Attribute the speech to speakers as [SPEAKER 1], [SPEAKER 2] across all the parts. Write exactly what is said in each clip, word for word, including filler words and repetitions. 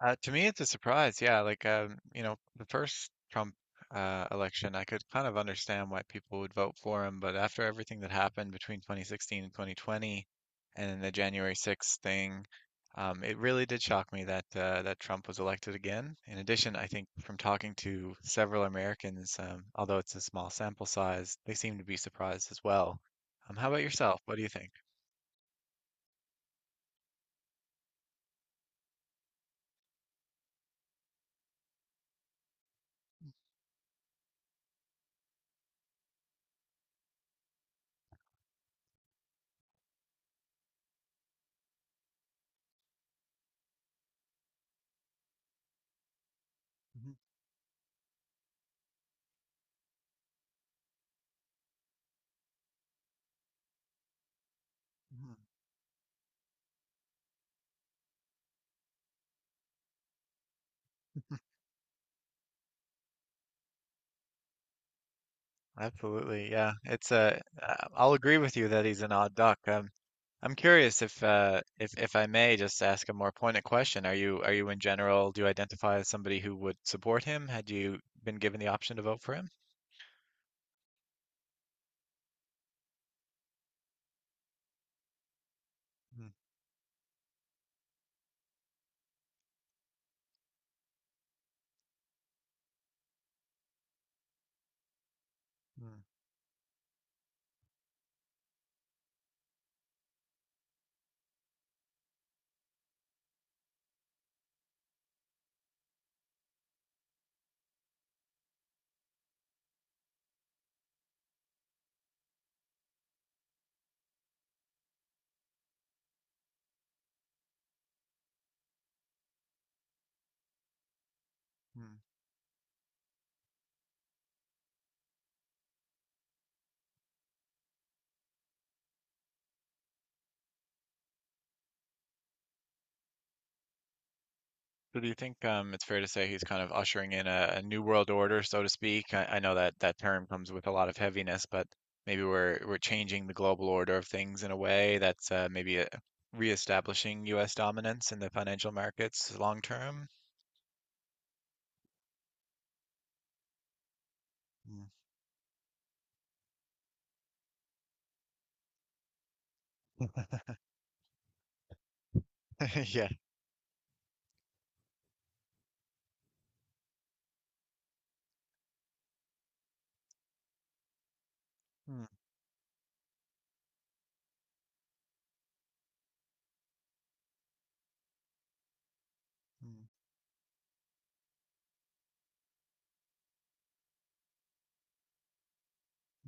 [SPEAKER 1] Uh, to me, it's a surprise. Yeah, like um, you know, the first Trump uh, election, I could kind of understand why people would vote for him, but after everything that happened between twenty sixteen and twenty twenty, and the January sixth thing, um, it really did shock me that uh, that Trump was elected again. In addition, I think from talking to several Americans, um, although it's a small sample size, they seem to be surprised as well. Um, how about yourself? What do you think? Mhm, mhm. Absolutely, yeah. It's a. Uh, I'll agree with you that he's an odd duck. Um, I'm curious if, uh, if if I may just ask a more pointed question. Are you are you in general, do you identify as somebody who would support him? Had you been given the option to vote for him? Mm, mm, mm. So do you think um, it's fair to say he's kind of ushering in a, a new world order, so to speak? I, I know that that term comes with a lot of heaviness, but maybe we're we're changing the global order of things in a way that's uh, maybe uh reestablishing U S dominance in the financial markets long term. Mm. Yeah. Mm, mm,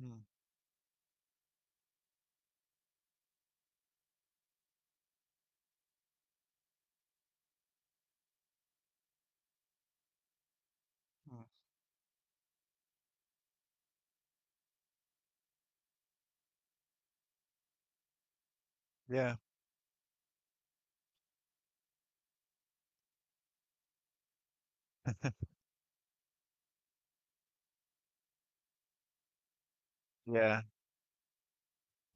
[SPEAKER 1] mm, mm. Yeah. Yeah.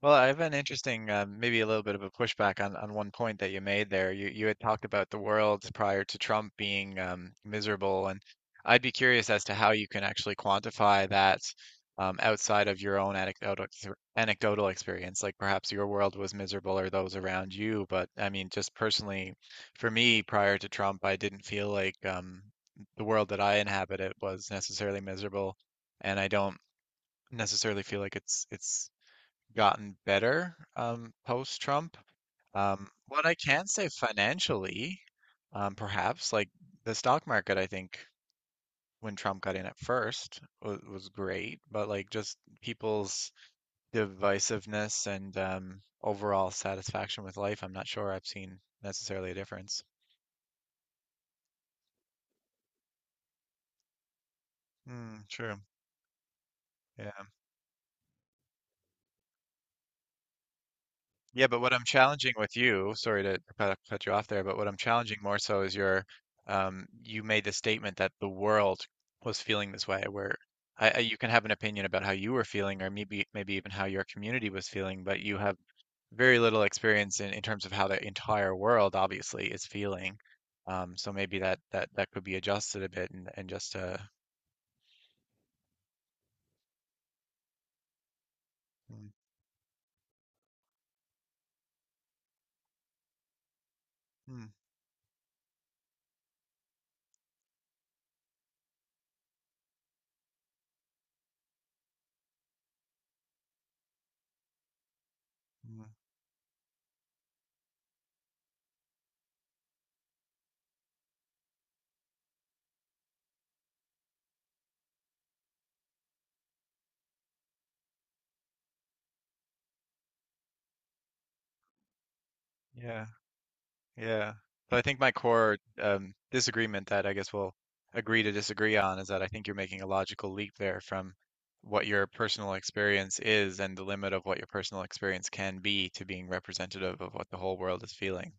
[SPEAKER 1] Well, I have an interesting, um, maybe a little bit of a pushback on, on one point that you made there. You you had talked about the world prior to Trump being um, miserable, and I'd be curious as to how you can actually quantify that um, outside of your own anecdotal ex- anecdotal experience. Like perhaps your world was miserable or those around you, but I mean, just personally, for me, prior to Trump, I didn't feel like um, the world that I inhabited was necessarily miserable, and I don't necessarily feel like it's it's gotten better um, post-Trump. Um, what I can say financially, um, perhaps like the stock market, I think when Trump got in at first was, was great, but like just people's divisiveness and um, overall satisfaction with life, I'm not sure I've seen necessarily a difference. Mm, true. Yeah. Yeah, but what I'm challenging with you, sorry to cut cut you off there, but what I'm challenging more so is your, um, you made the statement that the world was feeling this way, where I, I, you can have an opinion about how you were feeling, or maybe maybe even how your community was feeling, but you have very little experience in, in terms of how the entire world obviously is feeling. Um, so maybe that that that could be adjusted a bit and and just uh, Mm, mm, mm, yeah. Yeah. But I think my core um, disagreement that I guess we'll agree to disagree on is that I think you're making a logical leap there from what your personal experience is and the limit of what your personal experience can be to being representative of what the whole world is feeling.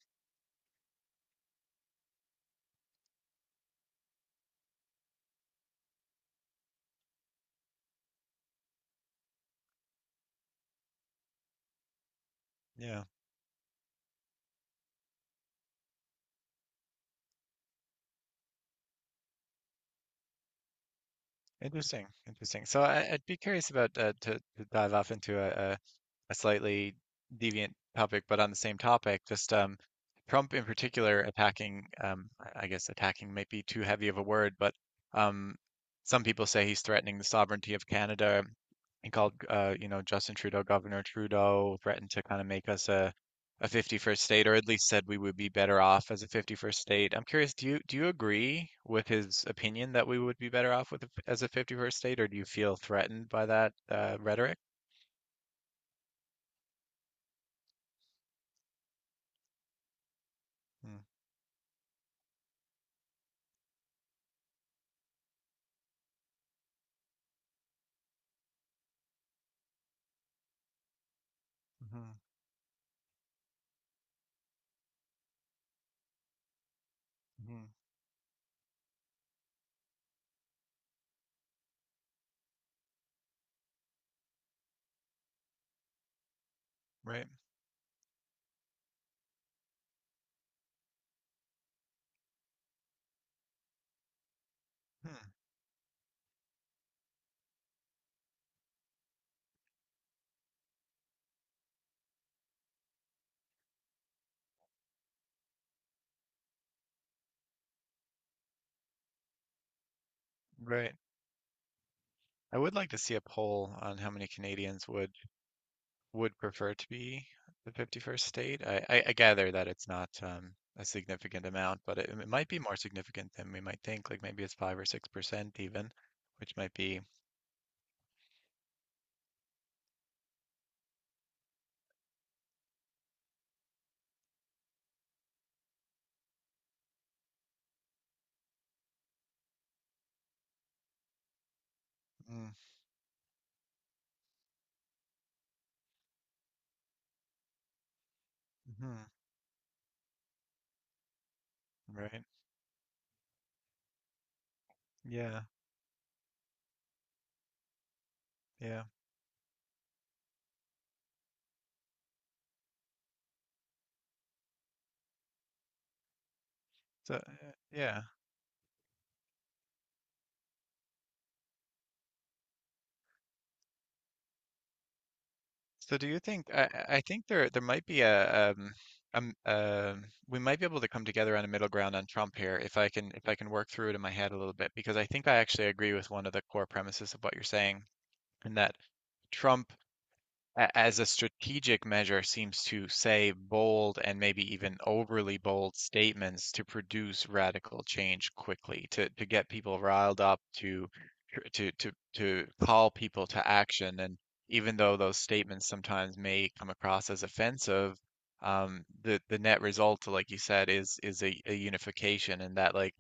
[SPEAKER 1] Yeah. Interesting. Interesting. So I, I'd be curious about uh, to, to dive off into a, a a slightly deviant topic, but on the same topic, just um, Trump in particular attacking, um, I guess attacking might be too heavy of a word, but um, some people say he's threatening the sovereignty of Canada. He called, uh, you know, Justin Trudeau, Governor Trudeau, threatened to kind of make us a a fifty-first state, or at least said we would be better off as a fifty-first state. I'm curious, do you do you agree with his opinion that we would be better off with as a fifty-first state, or do you feel threatened by that uh, rhetoric? Mm-hmm. Mm-hmm. Right. Hmm. Right. I would like to see a poll on how many Canadians would would prefer to be the fifty-first state. I, I, I gather that it's not um, a significant amount, but it, it might be more significant than we might think. Like maybe it's five or six percent even, which might be. Mm, mhm, right. Yeah. Yeah. So uh, yeah. So do you think I, I I think there there might be a um um uh, we might be able to come together on a middle ground on Trump here if I can if I can work through it in my head a little bit because I think I actually agree with one of the core premises of what you're saying in that Trump a- as a strategic measure seems to say bold and maybe even overly bold statements to produce radical change quickly, to, to get people riled up, to to to to call people to action. And even though those statements sometimes may come across as offensive, um, the the net result, like you said, is is a, a unification, and that like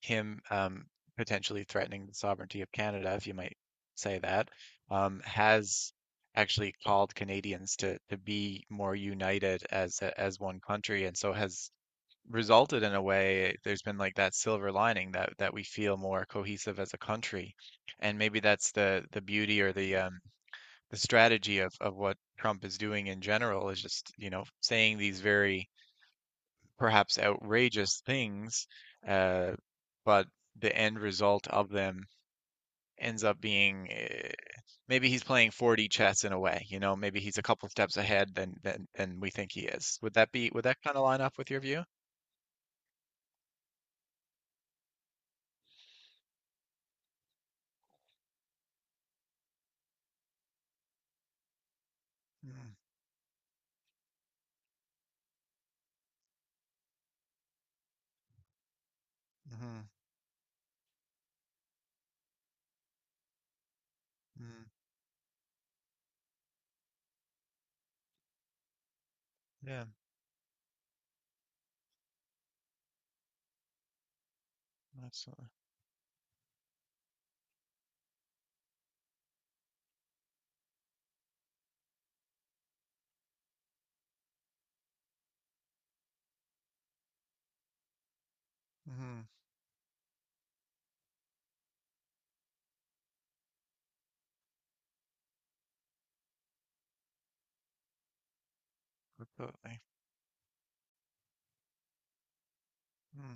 [SPEAKER 1] him um, potentially threatening the sovereignty of Canada, if you might say that, um, has actually called Canadians to to be more united as as one country, and so has resulted in a way there's been like that silver lining that that we feel more cohesive as a country. And maybe that's the the beauty or the um the strategy of of what Trump is doing in general is just, you know, saying these very perhaps outrageous things, uh, but the end result of them ends up being uh, maybe he's playing four D chess in a way, you know, maybe he's a couple steps ahead than than than we think he is. Would that be would that kind of line up with your view? Mm-hmm. Mm-hmm. Yeah, absolutely. Mm-hmm. Absolutely. Mm-hmm.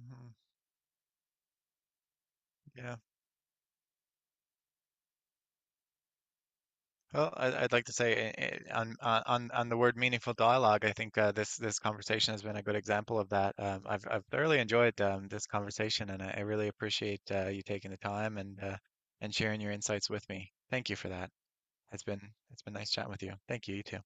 [SPEAKER 1] Mm-hmm. Yeah. Well, I- I'd like to say uh, uh, on on on on the word meaningful dialogue, I think uh, this this conversation has been a good example of that. Um, I've I've thoroughly enjoyed um, this conversation, and I, I really appreciate uh, you taking the time and uh, and sharing your insights with me. Thank you for that. It's been it's been nice chatting with you. Thank you, you too.